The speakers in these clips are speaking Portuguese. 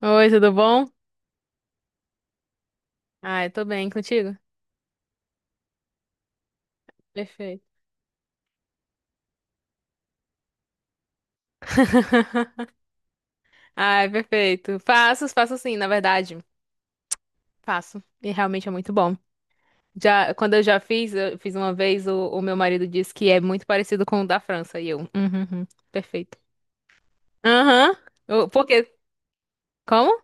Oi, tudo bom? Ai, tô bem contigo? Perfeito. Ai, perfeito. Faço, faço sim, na verdade. Faço. E realmente é muito bom. Já, quando eu já fiz, eu fiz uma vez, o meu marido disse que é muito parecido com o da França. E eu, uhum, uhum, perfeito. Aham. Por quê? Como?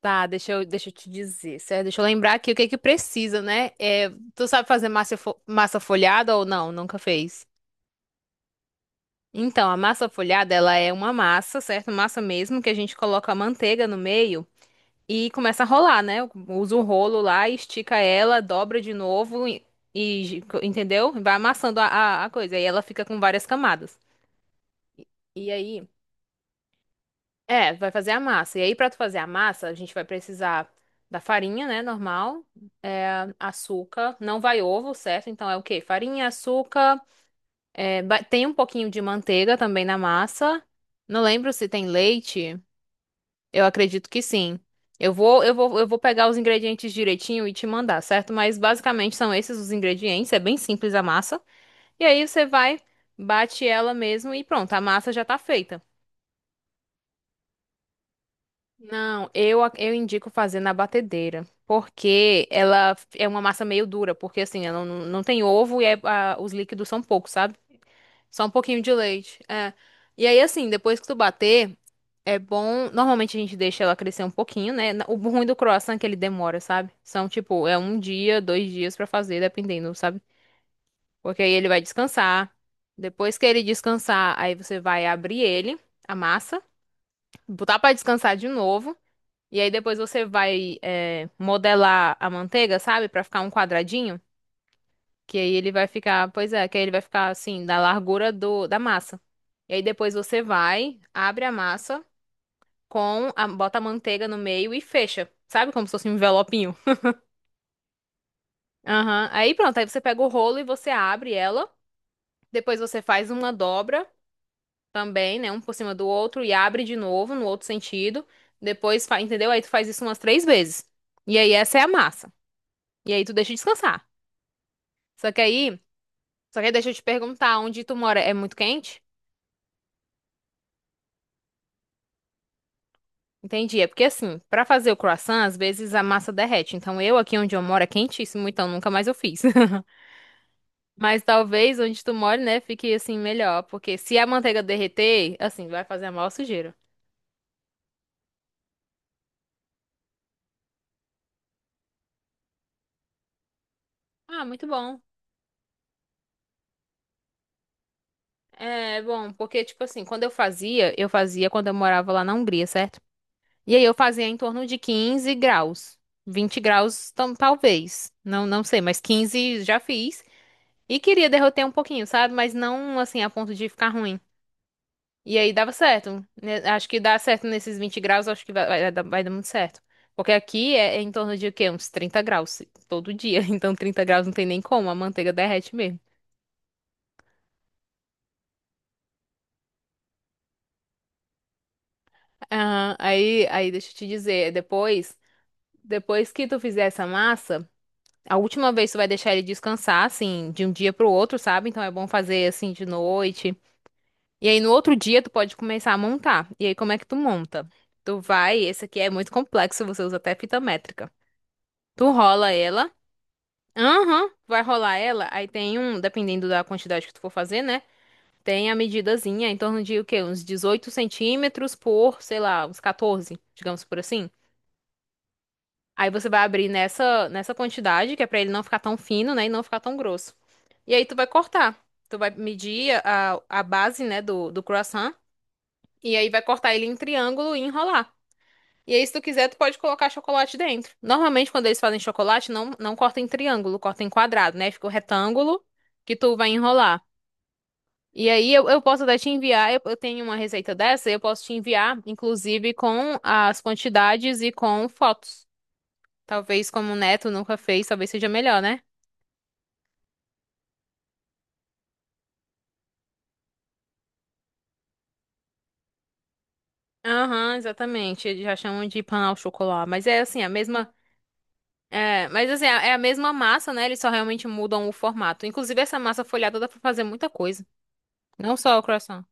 Tá, deixa eu te dizer, certo? Deixa eu lembrar aqui o que é que precisa, né? É, tu sabe fazer massa, massa folhada ou não? Nunca fez? Então, a massa folhada, ela é uma massa, certo? Massa mesmo, que a gente coloca a manteiga no meio e começa a rolar, né? Usa o rolo lá, estica ela, dobra de novo e entendeu? Vai amassando a coisa. E ela fica com várias camadas. E aí, é, vai fazer a massa. E aí, pra tu fazer a massa, a gente vai precisar da farinha, né? Normal, é, açúcar, não vai ovo, certo? Então é o quê? Farinha, açúcar, é, tem um pouquinho de manteiga também na massa. Não lembro se tem leite. Eu acredito que sim. Eu vou pegar os ingredientes direitinho e te mandar, certo? Mas basicamente são esses os ingredientes, é bem simples a massa. E aí você vai, bate ela mesmo e pronto, a massa já tá feita. Não, eu, eu indico fazer na batedeira, porque ela é uma massa meio dura, porque assim, ela não tem ovo e os líquidos são poucos, sabe? Só um pouquinho de leite. É. E aí, assim, depois que tu bater, é bom. Normalmente a gente deixa ela crescer um pouquinho, né? O ruim do croissant é que ele demora, sabe? São, tipo, é um dia, dois dias pra fazer, dependendo, sabe? Porque aí ele vai descansar. Depois que ele descansar, aí você vai abrir ele, a massa, botar pra descansar de novo. E aí depois você vai, é, modelar a manteiga, sabe? Pra ficar um quadradinho. Que aí ele vai ficar, pois é, que aí ele vai ficar assim, da largura do, da massa. E aí depois você vai, abre a massa com a, bota a manteiga no meio e fecha. Sabe como se fosse um envelopinho? Aham. Aí pronto, aí você pega o rolo e você abre ela. Depois você faz uma dobra também, né? Um por cima do outro e abre de novo no outro sentido. Depois, entendeu? Aí tu faz isso umas três vezes. E aí essa é a massa. E aí tu deixa descansar. Só que aí, só que aí deixa eu te perguntar, onde tu mora é muito quente? Entendi. É porque assim, pra fazer o croissant, às vezes a massa derrete. Então eu aqui onde eu moro é quentíssimo, então nunca mais eu fiz. Mas talvez onde tu mora, né, fique assim melhor, porque se a manteiga derreter, assim, vai fazer a maior sujeira. Ah, muito bom. É bom, porque tipo assim, quando eu fazia quando eu morava lá na Hungria, certo? E aí eu fazia em torno de 15 graus, 20 graus, talvez. Não, não sei, mas 15 já fiz. E queria derreter um pouquinho, sabe? Mas não assim a ponto de ficar ruim. E aí dava certo, né? Acho que dá certo nesses 20 graus, acho que vai dar muito certo. Porque aqui é em torno de o quê? Uns 30 graus todo dia. Então 30 graus não tem nem como, a manteiga derrete mesmo. Ah, aí deixa eu te dizer, depois que tu fizer essa massa, a última vez tu vai deixar ele descansar, assim, de um dia pro outro, sabe? Então é bom fazer assim de noite. E aí no outro dia tu pode começar a montar. E aí como é que tu monta? Tu vai, esse aqui é muito complexo, você usa até fita métrica. Tu rola ela. Aham, vai rolar ela. Aí tem um, dependendo da quantidade que tu for fazer, né? Tem a medidazinha em torno de o quê? Uns 18 centímetros por, sei lá, uns 14, digamos por assim. Aí você vai abrir nessa quantidade, que é pra ele não ficar tão fino, né? E não ficar tão grosso. E aí tu vai cortar. Tu vai medir a base, né, do croissant. E aí vai cortar ele em triângulo e enrolar. E aí, se tu quiser, tu pode colocar chocolate dentro. Normalmente, quando eles fazem chocolate, não corta em triângulo, corta em quadrado, né? Fica o retângulo que tu vai enrolar. E aí, eu posso até te enviar, eu tenho uma receita dessa, eu posso te enviar, inclusive, com as quantidades e com fotos. Talvez, como o Neto nunca fez, talvez seja melhor, né? Aham, exatamente. Eles já chamam de pão ao chocolate. Mas é assim, a mesma. É, mas assim, é a mesma massa, né? Eles só realmente mudam o formato. Inclusive, essa massa folhada dá pra fazer muita coisa. Não só o croissant.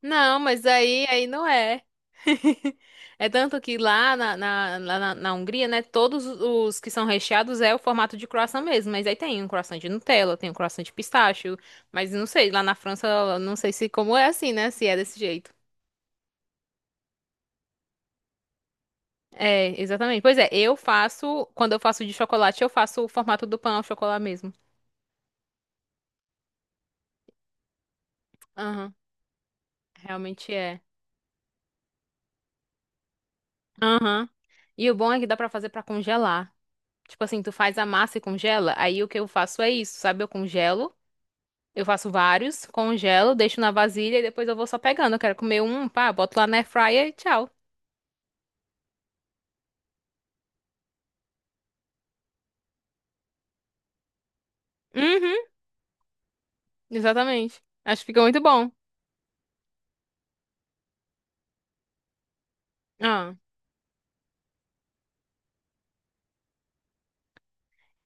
Não, mas aí não é. É tanto que lá na Hungria, né, todos os que são recheados é o formato de croissant mesmo. Mas aí tem um croissant de Nutella, tem um croissant de pistache, mas não sei, lá na França, eu não sei se como é assim, né, se é desse jeito. É, exatamente. Pois é, eu faço, quando eu faço de chocolate, eu faço o formato do pão ao chocolate mesmo. Aham, realmente é. Aham. E o bom é que dá pra fazer pra congelar. Tipo assim, tu faz a massa e congela, aí o que eu faço é isso, sabe? Eu congelo. Eu faço vários, congelo, deixo na vasilha e depois eu vou só pegando. Eu quero comer um, pá, boto lá na air fryer e tchau. Uhum, exatamente. Acho que fica muito bom. Ah,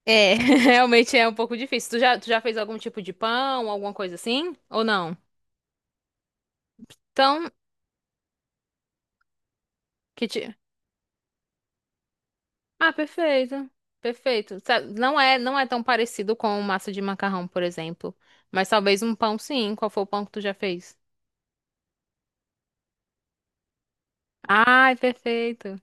é, realmente é um pouco difícil. Tu já fez algum tipo de pão, alguma coisa assim? Ou não? Então, que ti... Ah, perfeito. Perfeito. Sabe, não é tão parecido com massa de macarrão, por exemplo. Mas talvez um pão sim. Qual foi o pão que tu já fez? Ai, perfeito.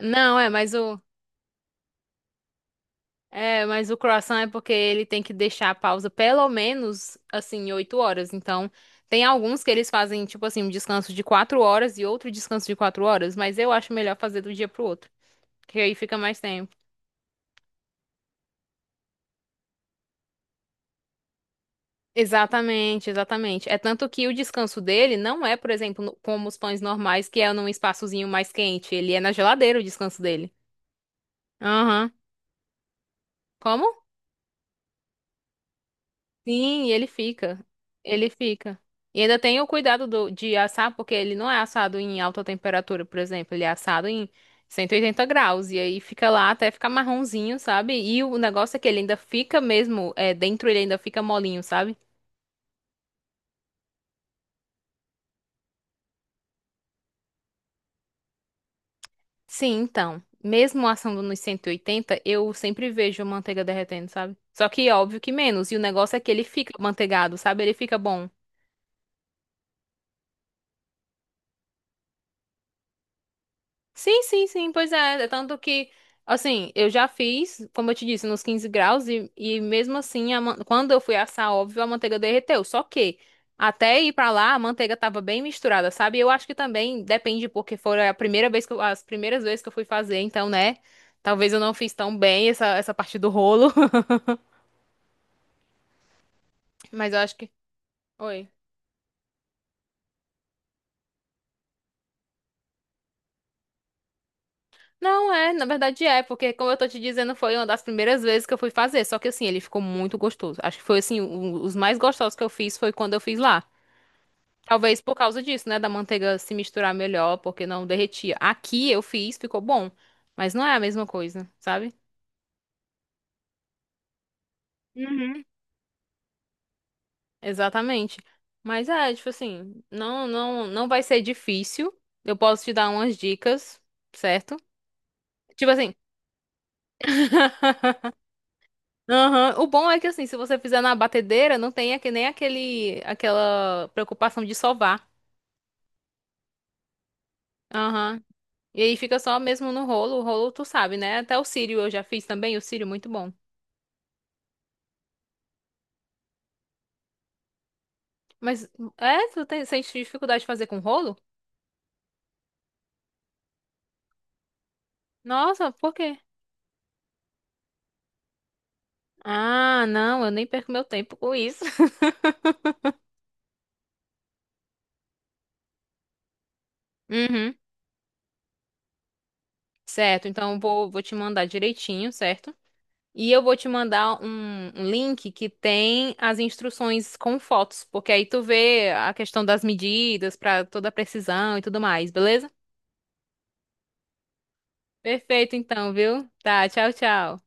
Não, é, mas o É, mas o croissant é porque ele tem que deixar a pausa pelo menos, assim, 8 horas. Então, tem alguns que eles fazem, tipo assim, um descanso de 4 horas e outro descanso de 4 horas, mas eu acho melhor fazer do dia pro outro, que aí fica mais tempo. Exatamente, exatamente. É tanto que o descanso dele não é, por exemplo, como os pães normais, que é num espaçozinho mais quente. Ele é na geladeira o descanso dele. Aham. Como? Sim, e ele fica. Ele fica. E ainda tem o cuidado do, de assar, porque ele não é assado em alta temperatura, por exemplo. Ele é assado em 180 graus. E aí fica lá até ficar marronzinho, sabe? E o negócio é que ele ainda fica mesmo, é, dentro ele ainda fica molinho, sabe? Sim, então. Mesmo assando nos 180 eu sempre vejo a manteiga derretendo, sabe? Só que óbvio que menos. E o negócio é que ele fica manteigado, sabe? Ele fica bom. Sim, sim, sim, pois é. É tanto que, assim, eu já fiz, como eu te disse, nos 15 graus, e mesmo assim, a quando eu fui assar, óbvio, a manteiga derreteu. Só que, até ir pra lá, a manteiga tava bem misturada, sabe? Eu acho que também depende, porque foi a primeira vez as primeiras vezes que eu fui fazer, então, né? Talvez eu não fiz tão bem essa parte do rolo, mas eu acho que. Oi. Não é, na verdade é, porque como eu tô te dizendo, foi uma das primeiras vezes que eu fui fazer, só que assim, ele ficou muito gostoso. Acho que foi assim, os mais gostosos que eu fiz foi quando eu fiz lá. Talvez por causa disso, né, da manteiga se misturar melhor, porque não derretia. Aqui eu fiz, ficou bom, mas não é a mesma coisa, sabe? Uhum. Exatamente. Mas é, tipo assim, não, não, não vai ser difícil. Eu posso te dar umas dicas, certo? Tipo assim. Aham. O bom é que assim, se você fizer na batedeira, não tem nem aquele aquela preocupação de sovar. Aham. E aí fica só mesmo no rolo. O rolo tu sabe, né? Até o cílio eu já fiz também, o cílio muito bom. Mas é, tu tem, sente dificuldade de fazer com rolo? Nossa, por quê? Ah, não, eu nem perco meu tempo com isso. Uhum. Certo, então vou te mandar direitinho, certo? E eu vou te mandar um link que tem as instruções com fotos, porque aí tu vê a questão das medidas para toda a precisão e tudo mais, beleza? Perfeito então, viu? Tá, tchau, tchau.